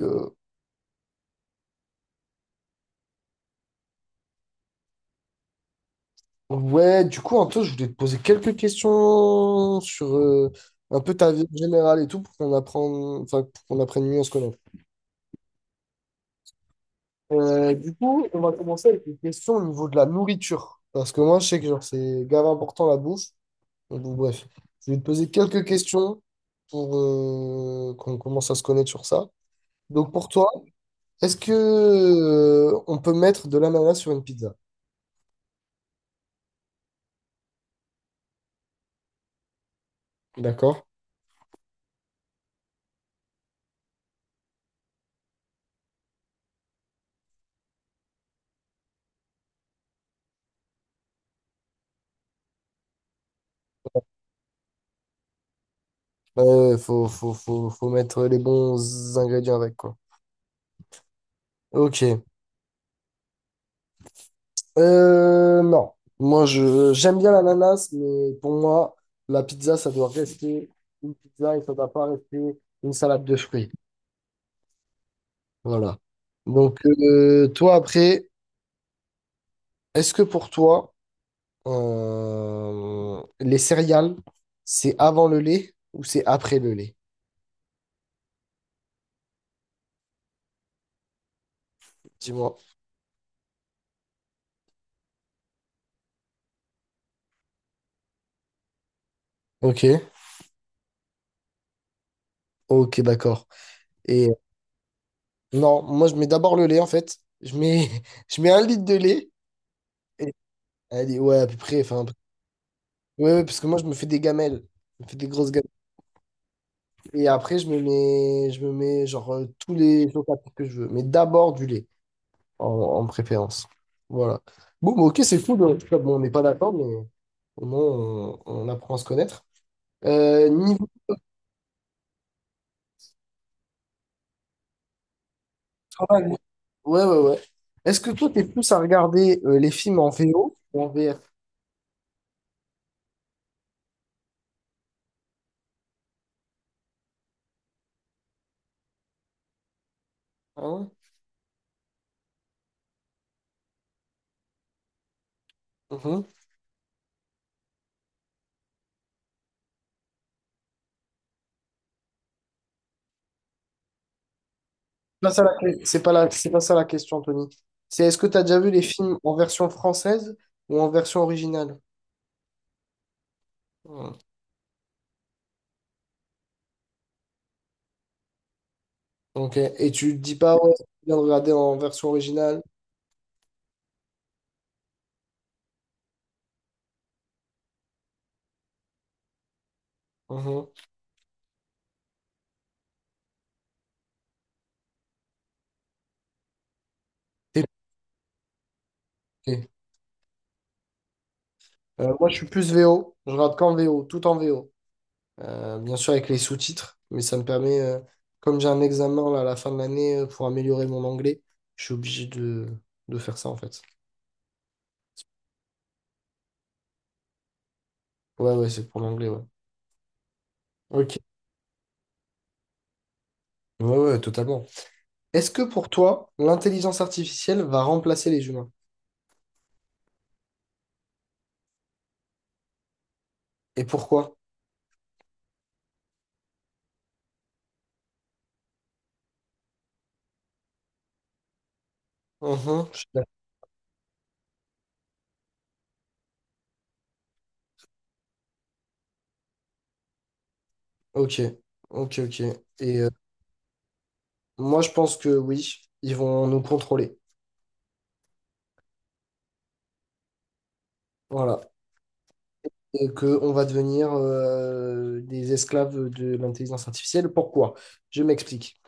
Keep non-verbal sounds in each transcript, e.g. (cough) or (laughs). Euh, ouais, du coup, Anto, je voulais te poser quelques questions sur un peu ta vie générale et tout pour qu'on apprenne, enfin, pour qu'on apprenne mieux à se connaître. Du coup, on va commencer avec une question au niveau de la nourriture. Parce que moi, je sais que genre, c'est grave important la bouffe. Donc, bon, bref, je vais te poser quelques questions pour qu'on commence à se connaître sur ça. Donc, pour toi, est-ce que on peut mettre de l'ananas sur une pizza? D'accord? Faut mettre les bons ingrédients avec, quoi. Ok. Non. Moi, je j'aime bien l'ananas, mais pour moi, la pizza, ça doit rester une pizza et ça doit pas rester une salade de fruits. Voilà. Donc, toi, après, est-ce que pour toi, les céréales, c'est avant le lait ou c'est après le lait? Dis-moi. Ok. Ok, d'accord. Et non, moi, je mets d'abord le lait, en fait. Je mets, (laughs) je mets un litre de lait. Et, elle ouais, à peu près. Enfin, ouais, ouais, parce que moi, je me fais des gamelles. Je me fais des grosses gamelles. Et après, je me mets genre tous les chocolats que je veux. Mais d'abord du lait, en préférence. Voilà. Bon, bah, ok, c'est cool. En tout cas, bon, on n'est pas d'accord, mais au moins, on apprend à se connaître. Niveau travail, ouais, ouais, ouais. Est-ce que toi, t'es plus à regarder les films en VO ou en VF? Hein. Mhm. C'est pas ça la question, Tony. C'est est-ce que tu as déjà vu les films en version française ou en version originale? Ok. Et tu te dis pas, ouais, c'est bien de regarder en version originale. Mhm. T'es bloqué. Moi, je suis plus VO. Je regarde qu'en VO, tout en VO. Bien sûr, avec les sous-titres, mais ça me permet, comme j'ai un examen là, à la fin de l'année pour améliorer mon anglais, je suis obligé de faire ça en fait. Ouais, ouais, c'est pour l'anglais, ouais. Ok. Ouais, ouais, totalement. Est-ce que pour toi, l'intelligence artificielle va remplacer les humains? Et pourquoi? Mhm. Je suis d'accord. Ok. Ok, ok. Et euh, Moi, je pense que oui, ils vont nous contrôler. Voilà. Et qu'on va devenir des esclaves de l'intelligence artificielle. Pourquoi? Je m'explique.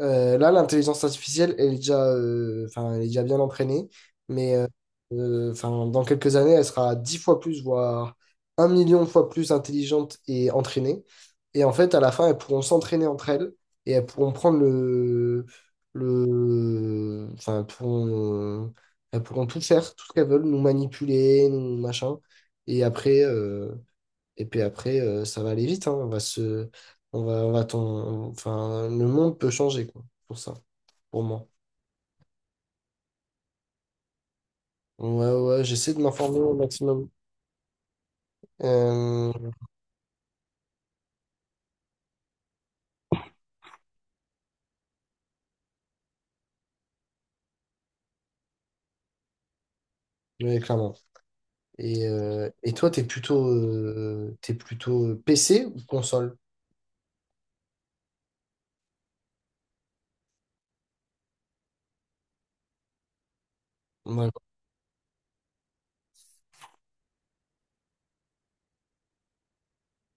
Là, l'intelligence artificielle, elle est déjà, enfin, elle est déjà bien entraînée, mais enfin, dans quelques années, elle sera 10 fois plus, voire 1 million de fois plus intelligente et entraînée. Et en fait, à la fin, elles pourront s'entraîner entre elles et elles pourront prendre enfin, elles pourront tout faire, tout ce qu'elles veulent, nous manipuler, nous machin. Et après, euh, et puis après, ça va aller vite, hein. On va se, on va, enfin, le monde peut changer, quoi, pour ça, pour moi. Ouais, ouais, j'essaie de m'informer au maximum, euh, ouais, clairement. Et toi, t'es plutôt PC ou console? Ouais.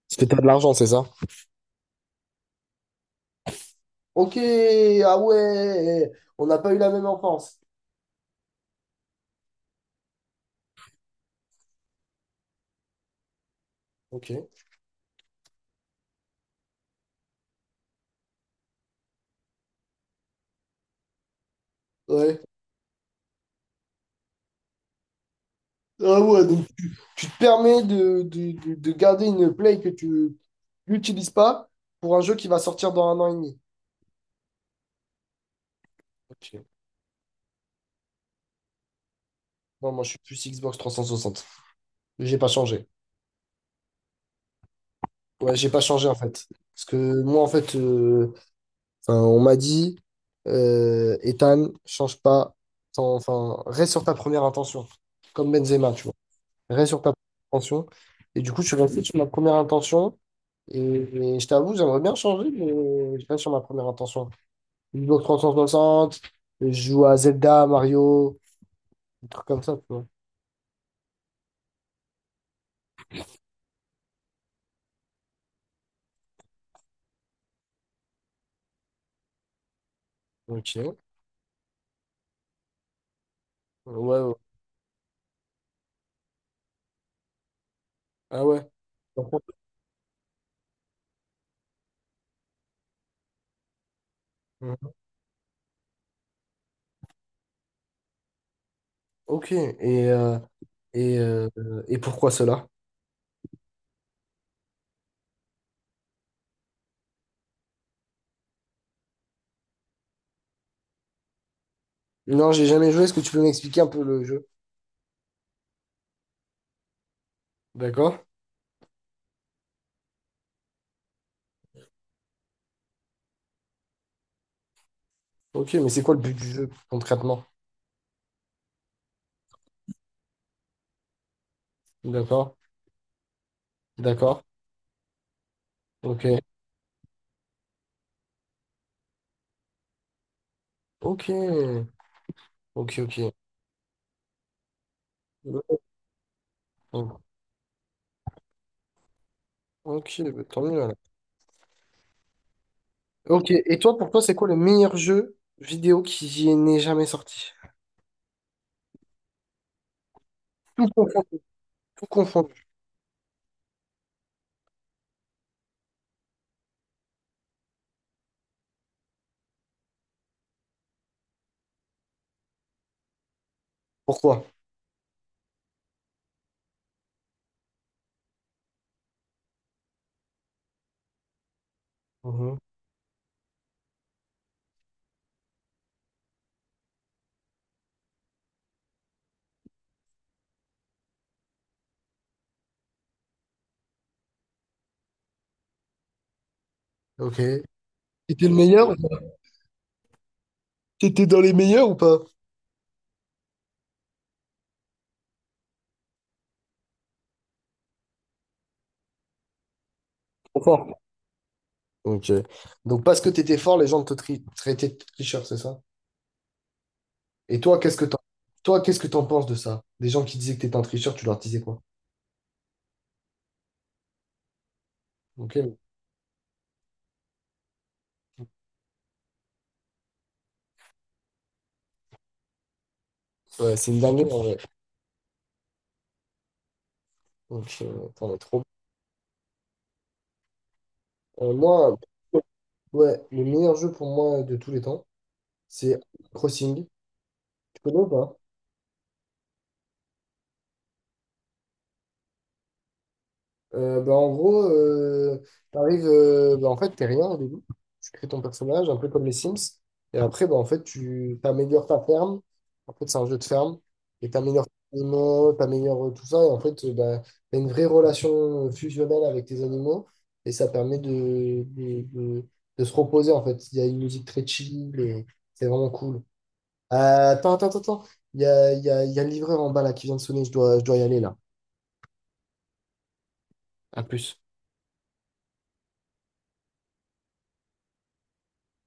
Parce que t'as de l'argent, c'est ça? Ok, ah ouais, on n'a pas eu la même enfance. Ok. Ouais. Ah ouais, donc tu te permets de garder une play que tu n'utilises pas pour un jeu qui va sortir dans 1 an et demi. Ok. Non, moi, je suis plus Xbox 360. J'ai pas changé. Ouais, j'ai pas changé, en fait. Parce que moi, en fait, enfin, on m'a dit, Ethan, change pas. Enfin, reste sur ta première intention. Comme Benzema, tu vois. Reste sur ta première intention. Et du coup, je suis resté sur ma première intention. Et je t'avoue, j'aimerais bien changer, mais je reste sur ma première intention. Xbox 360, je joue à Zelda, Mario, des trucs comme ça, tu vois. Ok. Ouais, ouais. Ah ouais. Mhm. Ok. Et, euh, et pourquoi cela? Non, j'ai jamais joué. Est-ce que tu peux m'expliquer un peu le jeu? D'accord. Ok, mais c'est quoi le but du jeu concrètement? D'accord. D'accord. Ok. Ok. Ok, ok. Mhm. Ok, bah, tant mieux alors. Ok, et toi, pour toi, c'est quoi le meilleur jeu vidéo qui n'est jamais sorti? Tout confondu. Tout confondu. Pourquoi? Ok. T'étais le meilleur? T'étais dans les meilleurs ou pas? Trop fort. Ok. Donc parce que t'étais fort, les gens traitaient de tricheur, c'est ça? Et toi, qu'est-ce que t'en Toi, qu'est-ce que t'en penses de ça? Des gens qui disaient que t'étais un tricheur, tu leur disais quoi? Ok, ouais, c'est une dinguerie en vrai. Donc, t'en as trop. Moi, ouais, le meilleur jeu pour moi de tous les temps, c'est Crossing. Tu connais ou pas? Bah, en gros, t'arrives, bah, en fait, t'es rien au début. Tu crées ton personnage, un peu comme les Sims. Et après, bah, en fait, tu t'améliores ta ferme. En fait, c'est un jeu de ferme. Et t'améliores tes animaux, t'améliores tout ça. Et en fait, bah, t'as une vraie relation fusionnelle avec tes animaux. Et ça permet de se reposer, en fait. Il y a une musique très chill et c'est vraiment cool. Euh, attends. Il y a le livreur en bas là qui vient de sonner. Je dois y aller là. À plus.